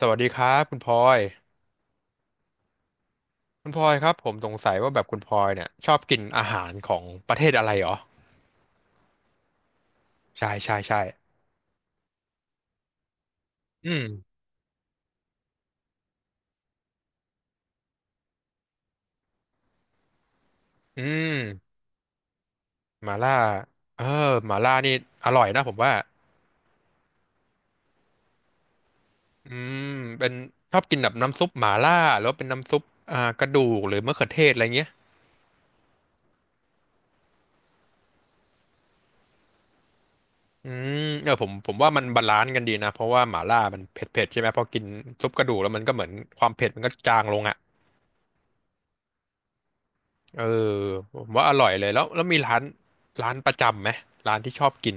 สวัสดีครับคุณพลอยคุณพลอยครับผมสงสัยว่าแบบคุณพลอยเนี่ยชอบกินอาหารของประเทศอะไรเหรอใช่ใช่ใช่อืมอืมหมาล่าเออหมาล่านี่อร่อยนะผมว่าอืมเป็นชอบกินแบบน้ำซุปหมาล่าหรือว่าเป็นน้ำซุปกระดูกหรือมะเขือเทศอะไรเงี้ยอืมเออผมว่ามันบาลานซ์กันดีนะเพราะว่าหมาล่ามันเผ็ดเผ็ดใช่ไหมพอกินซุปกระดูกแล้วมันก็เหมือนความเผ็ดมันก็จางลงอ่ะ เออผมว่าอร่อยเลยแล้วมีร้านร้านประจำไหมร้านที่ชอบกิน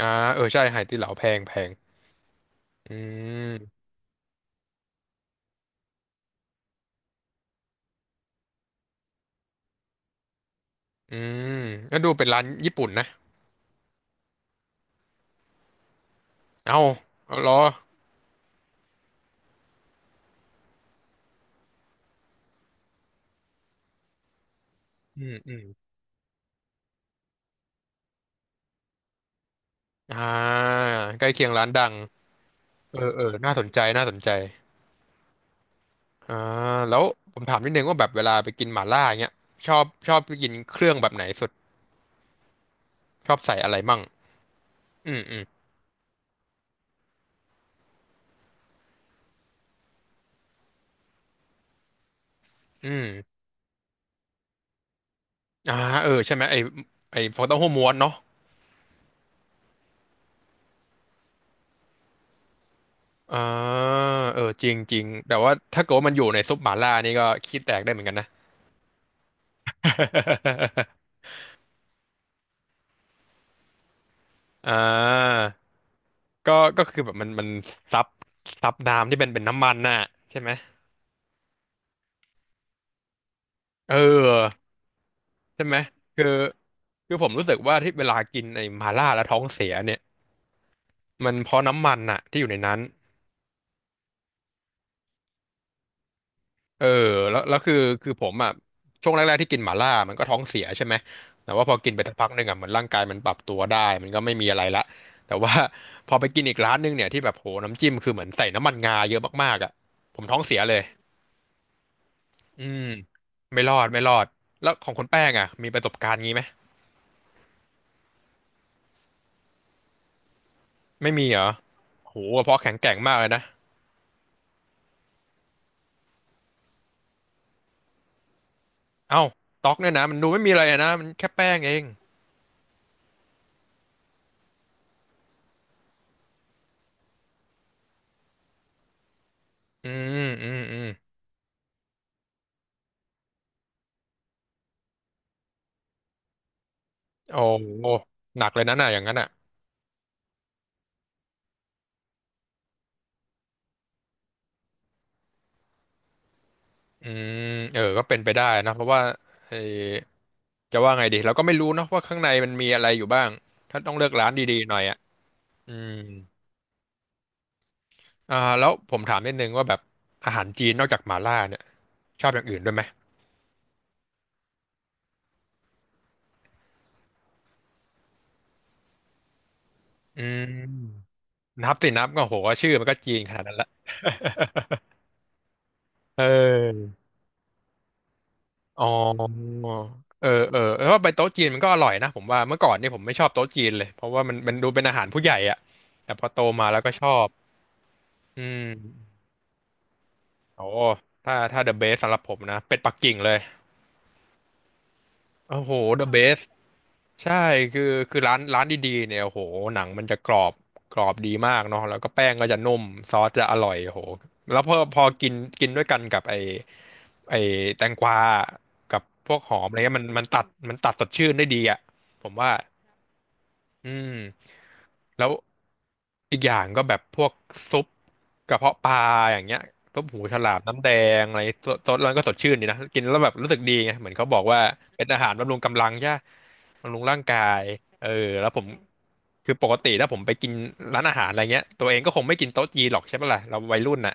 อ่าเออใช่ไหตี้เหลาแพงแพงอืมอืมก็ดูเป็นร้านญี่ปุ่นนะเอ้าเอาเหรออืมอืมอ่าใกล้เคียงร้านดังเออเออน่าสนใจน่าสนใจอ่าแล้วผมถามนิดนึงว่าแบบเวลาไปกินหม่าล่าเงี้ยชอบกินเครื่องแบบไหนสุดชอบใส่อะไรมั่งอืมอืมอืมอ่าเออใช่ไหมไอฟองเต้าหู้ม้วนเนาะ อ่าเออจริงจริงแต่ว่าถ้าเกิดว่ามันอยู่ในซุปหม่าล่านี่ก็ขี้แตกได้เหมือนกันนะ อ่าก็ก็คือแบบมันซับซับน้ำที่เป็นน้ำมันน่ะใช่ไหม เออใช่ไหมคือคือผมรู้สึกว่าที่เวลากินไอ้หม่าล่าแล้วท้องเสียเนี่ย มันเพราะน้ำมันน่ะที่อยู่ในนั้น เออแล้วคือคือผมอ่ะช่วงแรกๆที่กินหม่าล่ามันก็ท้องเสียใช่ไหมแต่ว่าพอกินไปสักพักหนึ่งอ่ะเหมือนร่างกายมันปรับตัวได้มันก็ไม่มีอะไรละแต่ว่า พอไปกินอีกร้านหนึงเนี่ยที่แบบโหน้ำจิ้มคือเหมือนใส่น้ำมันงาเยอะมากๆอ่ะผมท้องเสียเลยอืมไม่รอดไม่รอดแล้วของคุณแป้งอ่ะมีประสบการณ์งี้ไหมไม่มีเหรอโหกระเพราะแข็งแกร่งมากเลยนะเอ้าต๊อกเนี่ยนะมันดูไม่มีอะไรอะนะมันแค่แป้งเองอืมอืมอืมโอ้โหหนักเลยนะน่ะอย่างนั้นอ่ะ อืมเออก็เป็นไปได้นะเพราะว่าเออจะว่าไงดีเราก็ไม่รู้เนาะว่าข้างในมันมีอะไรอยู่บ้างถ้าต้องเลือกร้านดีๆหน่อยอ่ะอืมอ่าแล้วผมถามนิดนึงว่าแบบอาหารจีนนอกจากหม่าล่าเนี่ยชอบอย่างอื่นด้วยไหมอืมนับสินับก็โหชื่อมันก็จีนขนาดนั้นละ เอออ๋อเออเออแล้วว่าไปโต๊ะจีนมันก็อร่อยนะผมว่าเมื่อก่อนนี่ผมไม่ชอบโต๊ะจีนเลยเพราะว่ามันดูเป็นอาหารผู้ใหญ่อะแต่พอโตมาแล้วก็ชอบอืม โอ้ถ้าเดอะเบสสำหรับผมนะเป็ดปักกิ่งเลยโอ้โหเดอะเบสใช่คือคือร้านดีๆเนี่ยโอ้โหหนังมันจะกรอบกรอบดีมากเนาะแล้วก็แป้งก็จะนุ่มซอสจะอร่อยโอ้โหแล้วพอกินกินด้วยกันกับไอแตงกวากับพวกหอมอะไรเงี้ยมันมันตัดมันตัดสดชื่นได้ดีอ่ะผมว่า อืมแล้วอีกอย่างก็แบบพวกซุปกระเพาะปลาอย่างเงี้ยซุปหูฉลามน้ำแดงอะไรซดซดแล้วก็สดชื่นดีนะกินแล้วแบบรู้สึกดีไงเหมือนเขาบอกว่าเป็นอาหารบำรุงกำลังใช่ปะบำรุงร่างกายเออแล้วผมคือปกติถ้าผมไปกินร้านอาหารอะไรเงี้ยตัวเองก็คงไม่กินโต๊ะจีนหรอกใช่ปะล่ะเราวัยรุ่นน่ะ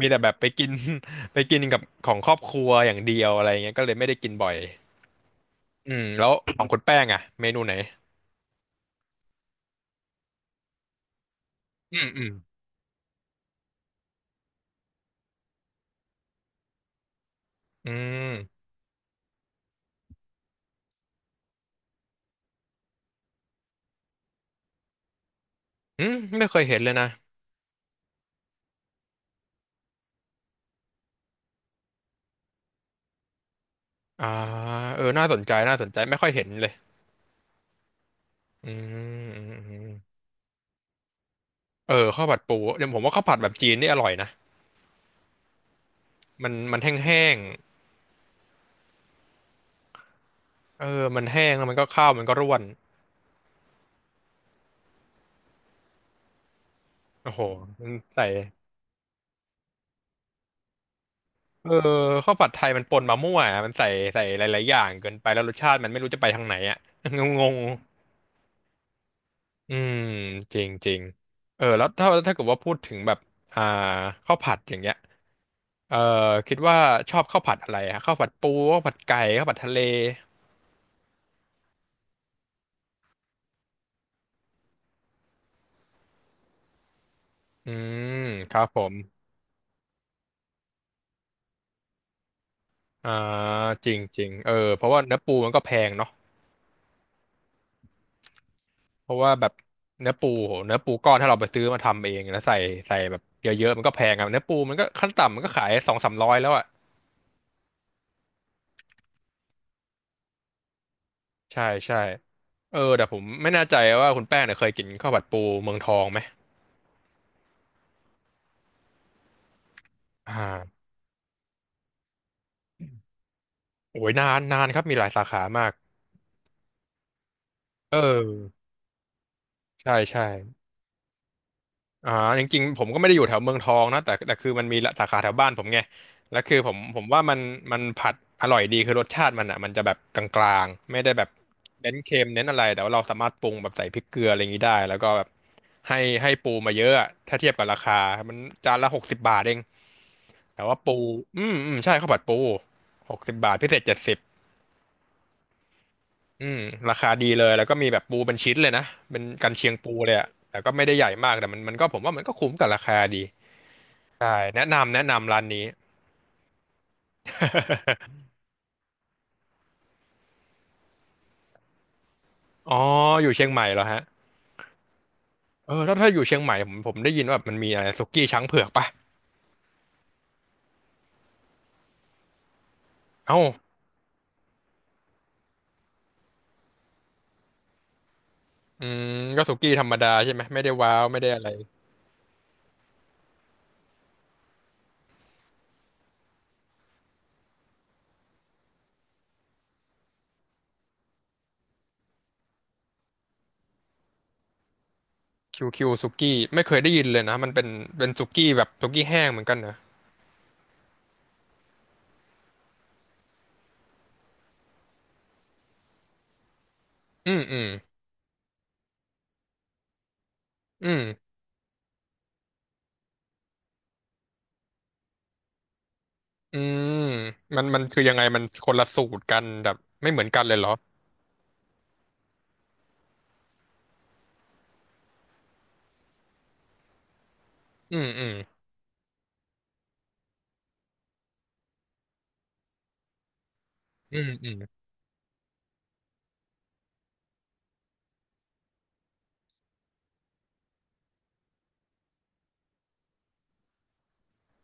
มีแต่แบบไปกิน ไปกินกับของครอบครัวอย่างเดียวอะไรเงี้ยก็เลยไม่ได้กินบ่อยอืมแล้วของคุณแป้งอะเมนูไหนอืมอืมอืม อืมไม่เคยเห็นเลยนะอ่าเออน่าสนใจน่าสนใจไม่ค่อยเห็นเลยอืมอืมอืมเออข้าวผัดปูเดี๋ยวผมว่าข้าวผัดแบบจีนนี่อร่อยนะมันมันแห้งๆเออมันแห้งแล้วมันก็ข้าวมันก็ร่วนโอ้โหมันใส่เออข้าวผัดไทยมันปนมามั่วอะมันใส่ใส่หลายๆอย่างเกินไปแล้วรสชาติมันไม่รู้จะไปทางไหนอ่ะ งงๆอืมจริงจริงเออแล้วถ้าเกิดว่าพูดถึงแบบอ่าข้าวผัดอย่างเงี้ย เอ่อคิดว่าชอบข้าวผัดอะไรฮะข้าวผัดปูข้าวผัดไก่ข้าวผัดทะเลอืมครับผมอ่าจริงจริงเออเพราะว่าเนื้อปูมันก็แพงเนาะเพราะว่าแบบเนื้อปูโหเนื้อปูก้อนถ้าเราไปซื้อมาทำเองแล้วใส่แบบเยอะๆมันก็แพงอะเนื้อปูมันก็ขั้นต่ำมันก็ขาย200-300แล้วอ่ะใช่ใช่เออแต่ผมไม่แน่ใจว่าคุณแป้งเนี่ยเคยกินข้าวผัดปูเมืองทองไหมอ่าโอ้ยนานนานครับมีหลายสาขามากเออใช่ใช่ อ่าจริงๆผมก็ไม่ได้อยู่แถวเมืองทองนะแต่คือมันมีสาขาแถวบ้านผมไงแล้วคือผมว่ามันผัดอร่อยดีคือรสชาติมันอ่ะมันจะแบบกลางๆไม่ได้แบบเน้นเค็มเน้นอะไรแต่ว่าเราสามารถปรุงแบบใส่พริกเกลืออะไรอย่างนี้ได้แล้วก็แบบให้ให้ปูมาเยอะอะ ถ้าเทียบกับราคามันจานละหกสิบบาทเองแต่ว่าปูอืมอืมใช่ข้าวผัดปูหกสิบบาทพิเศษ70อืมราคาดีเลยแล้วก็มีแบบปูเป็นชิ้นเลยนะเป็นกันเชียงปูเลยอะแต่ก็ไม่ได้ใหญ่มากแต่มันก็ผมว่ามันก็คุ้มกับราคาดี ใช่แนะนำแนะนำร้านนี้ อ๋ออยู่เชียงใหม่เหรอฮะเออแล้วถ้าอยู่เชียงใหม่ผมได้ยินว่ามันมีอะไรสุกี้ช้างเผือกปะเอ้าอืมก็สุกี้ธรรมดาใช่ไหมไม่ได้ว้าวไม่ได้อะไรคิวคิวสุกี้ไม่เคยได้ยินเลยนะมันเป็นเป็นสุกี้แบบสุกี้แห้งเหมือนกันนะออืมอืมอืมอืมมันคือยังไงมันคนละสูตรกันแบบไม่เหมือนกันเลยเหรออืมอืมอืมอืม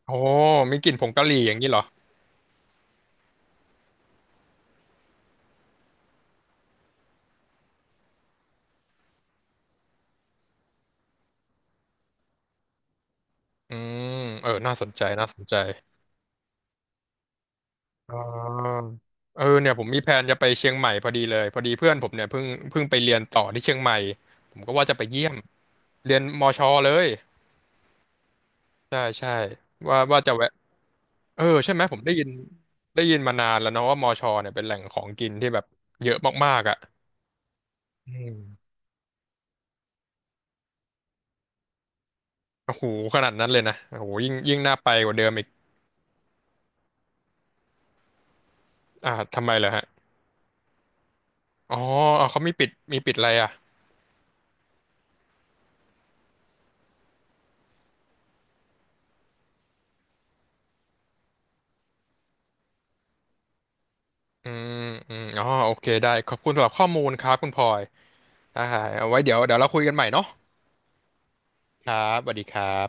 โอ้มีกลิ่นผงกะหรี่อย่างนี้เหรออืมเออน่าสนใจน่าสนใจ อ๋อเออเนี่ยผมมีแผนจะไปเชียงใหม่พอดีเลยพอดีเพื่อนผมเนี่ยเพิ่งไปเรียนต่อที่เชียงใหม่ผมก็ว่าจะไปเยี่ยมเรียนมชเลยใช่ใช่ว่าจะแวะเออใช่ไหมผมได้ยินได้ยินมานานแล้วเนาะว่ามชเนี่ยเป็นแหล่งของกินที่แบบเยอะมากๆอ่ะอืมโอ้โหขนาดนั้นเลยนะโอ้โหยิ่งยิ่งน่าไปกว่าเดิมอีกอ่าทำไมเหรอฮะอ๋อเอาเขามีปิดมีปิดอะไรอ่ะ อืมอืมอ๋อโอเค ได้ ขอบคุณสำหรับข้อมูลครับคุณพลอยได้เอาไว้เดี๋ยวเราคุยกันใหม่เนาะครับสวัสดีครับ